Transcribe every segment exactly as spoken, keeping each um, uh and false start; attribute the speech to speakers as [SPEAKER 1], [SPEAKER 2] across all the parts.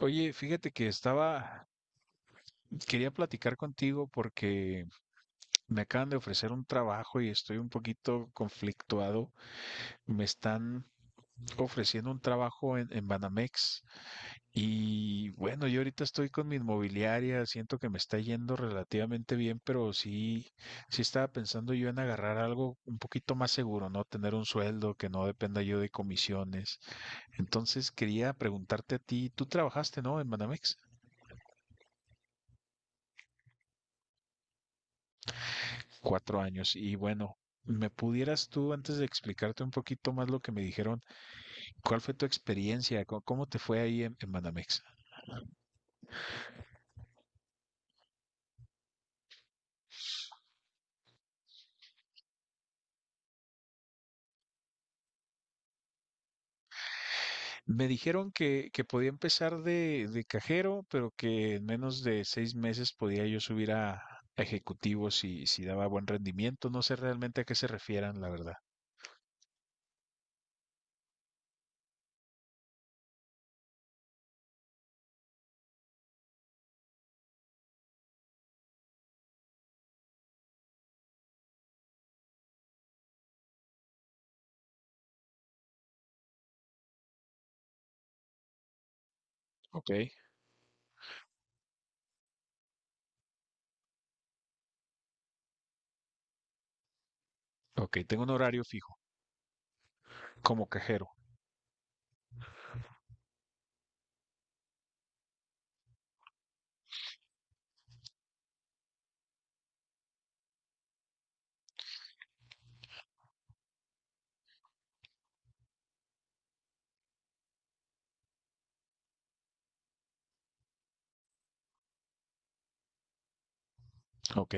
[SPEAKER 1] Oye, fíjate que estaba, quería platicar contigo porque me acaban de ofrecer un trabajo y estoy un poquito conflictuado. Me están ofreciendo un trabajo en, en Banamex y bueno, yo ahorita estoy con mi inmobiliaria, siento que me está yendo relativamente bien, pero sí, sí estaba pensando yo en agarrar algo un poquito más seguro, ¿no? Tener un sueldo que no dependa yo de comisiones. Entonces quería preguntarte a ti, ¿tú trabajaste, no, en Banamex? Cuatro años. Y bueno, ¿me pudieras tú, antes de explicarte un poquito más lo que me dijeron, cuál fue tu experiencia? ¿Cómo, cómo te fue ahí en, en Banamex? Me dijeron que, que podía empezar de, de cajero, pero que en menos de seis meses podía yo subir a, a ejecutivo si, si daba buen rendimiento. No sé realmente a qué se refieran, la verdad. Ok. Ok, tengo un horario fijo como cajero. Ok.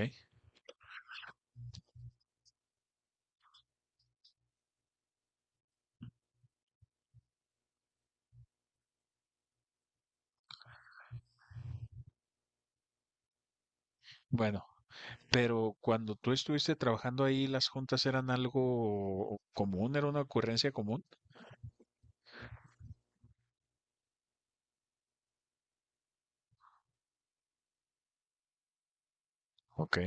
[SPEAKER 1] Bueno, pero cuando tú estuviste trabajando ahí, ¿las juntas eran algo común? ¿Era una ocurrencia común? Ok,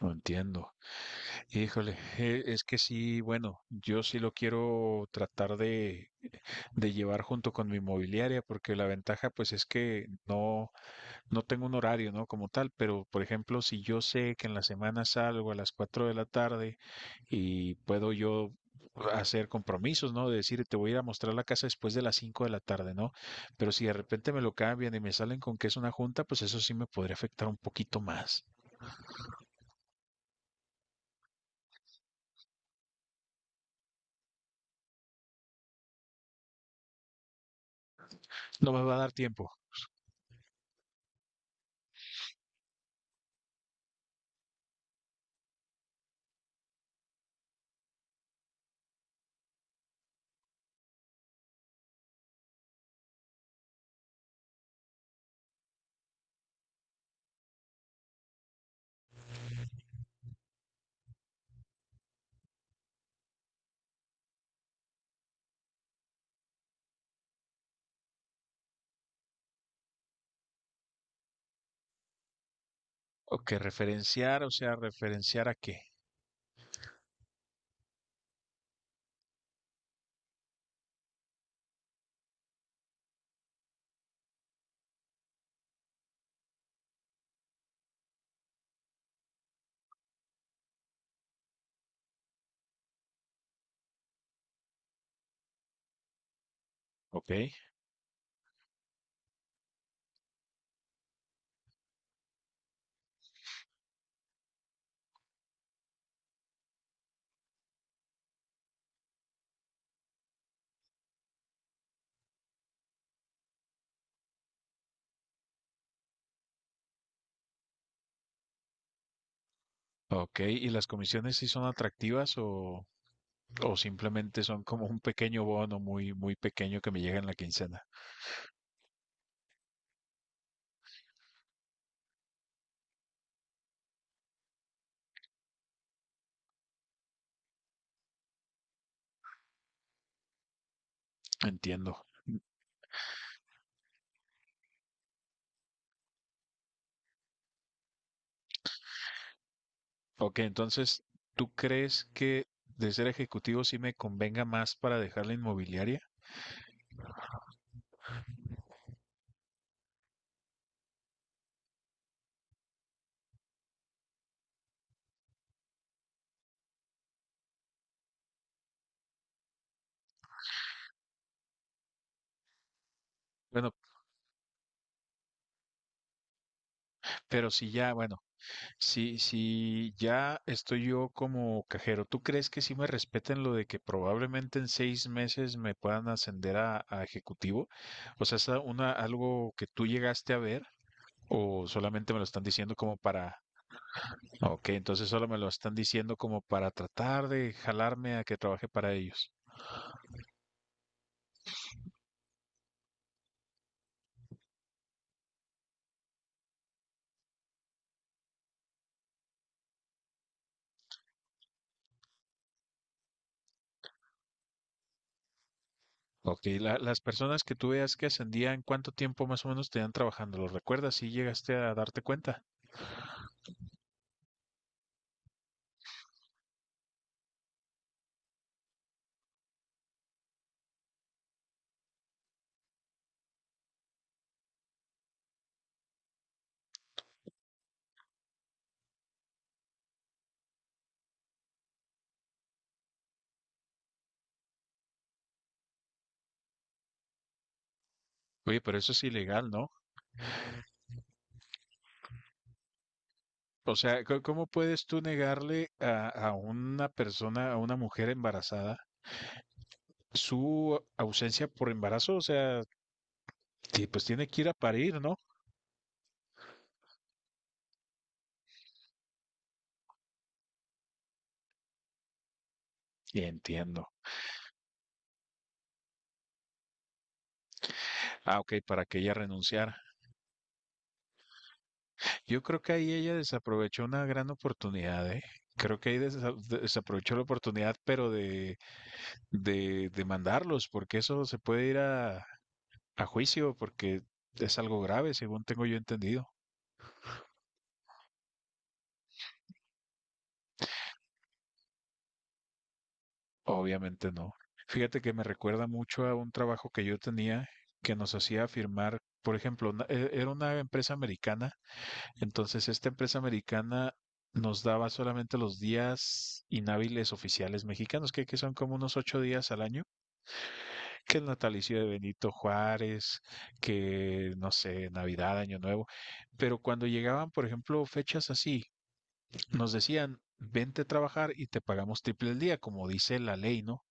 [SPEAKER 1] lo entiendo. Híjole, eh, es que sí, bueno, yo sí lo quiero tratar de, de llevar junto con mi inmobiliaria, porque la ventaja pues es que no, no tengo un horario, ¿no? Como tal, pero por ejemplo, si yo sé que en la semana salgo a las cuatro de la tarde y puedo yo hacer compromisos, ¿no? De decir, te voy a ir a mostrar la casa después de las cinco de la tarde, ¿no? Pero si de repente me lo cambian y me salen con que es una junta, pues eso sí me podría afectar un poquito más. No me va a dar tiempo. Ok, referenciar, o sea, referenciar a qué. Ok, ok. ¿Y las comisiones sí son atractivas o, o simplemente son como un pequeño bono muy, muy pequeño que me llega en la quincena? Entiendo. Ok, entonces, ¿tú crees que de ser ejecutivo sí me convenga más para dejar la inmobiliaria? Bueno, pero si ya, bueno. Si, si ya estoy yo como cajero, ¿tú crees que sí me respeten lo de que probablemente en seis meses me puedan ascender a, a ejecutivo? O sea, ¿es a- una, algo que tú llegaste a ver o solamente me lo están diciendo como para... ah, Ok, entonces solo me lo están diciendo como para tratar de jalarme a que trabaje para ellos. Ok, la- las personas que tú veas que ascendían, ¿cuánto tiempo más o menos tenían trabajando? ¿Lo recuerdas? Si llegaste a darte cuenta. Oye, pero eso es ilegal, ¿no? O sea, co- ¿cómo puedes tú negarle a, a una persona, a una mujer embarazada, su ausencia por embarazo? O sea, ti- pues tiene que ir a parir, ¿no? Y entiendo. Ah, ok, para que ella renunciara. Yo creo que ahí ella desaprovechó una gran oportunidad, ¿eh? Creo que ahí desa- desaprovechó la oportunidad, pero de, de, de mandarlos, porque eso se puede ir a, a juicio, porque es algo grave, según tengo yo entendido. Obviamente no. Fíjate que me recuerda mucho a un trabajo que yo tenía que nos hacía firmar, por ejemplo, una- e- era una empresa americana, entonces esta empresa americana nos daba solamente los días inhábiles oficiales mexicanos, que, que son como unos ocho días al año, que el natalicio de Benito Juárez, que no sé, Navidad, Año Nuevo, pero cuando llegaban, por ejemplo, fechas así, nos decían, vente a trabajar y te pagamos triple el día, como dice la ley, ¿no?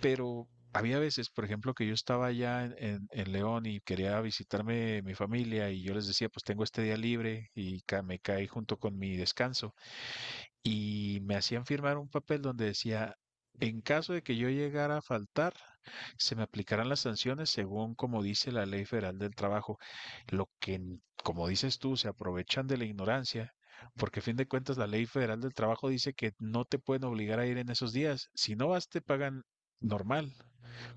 [SPEAKER 1] Pero había veces, por ejemplo, que yo estaba allá en, en- en León y quería visitarme mi familia y yo les decía, pues tengo este día libre y ca- me caí junto con mi descanso. Y me hacían firmar un papel donde decía, en caso de que yo llegara a faltar, se me aplicarán las sanciones según como dice la Ley Federal del Trabajo. Lo que, n- como dices tú, se aprovechan de la ignorancia. Porque a fin de cuentas la Ley Federal del Trabajo dice que no te pueden obligar a ir en esos días. Si no vas, te pagan normal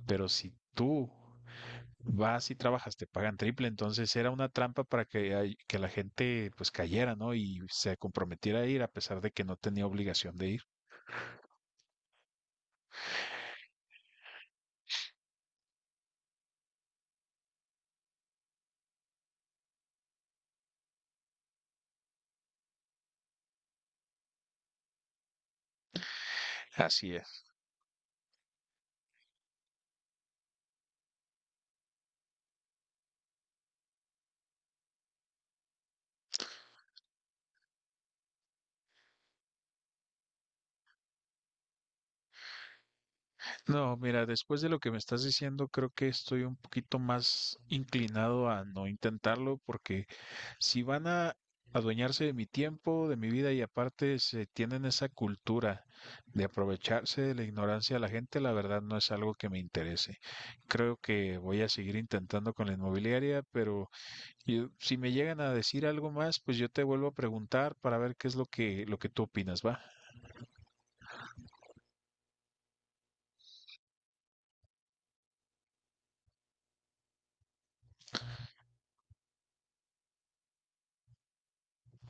[SPEAKER 1] pero si tú vas y trabajas, te pagan triple, entonces era una trampa para que, hay- que la gente pues cayera, ¿no? Y se comprometiera a ir a pesar de que no tenía obligación de ir. Así es. No, mira, después de lo que me estás diciendo, creo que estoy un poquito más inclinado a no intentarlo porque si van a adueñarse de mi tiempo, de mi vida y aparte se tienen esa cultura de aprovecharse de la ignorancia de la gente, la verdad no es algo que me interese. Creo que voy a seguir intentando con la inmobiliaria, pero yo- si me llegan a decir algo más, pues yo te vuelvo a preguntar para ver qué es lo que lo que tú opinas, ¿va?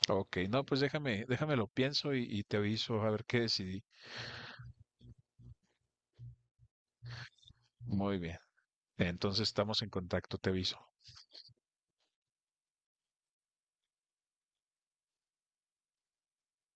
[SPEAKER 1] Ok, no, pues déjame, déjame lo pienso y, y te aviso a ver qué decidí. Muy bien. Entonces estamos en contacto, te aviso.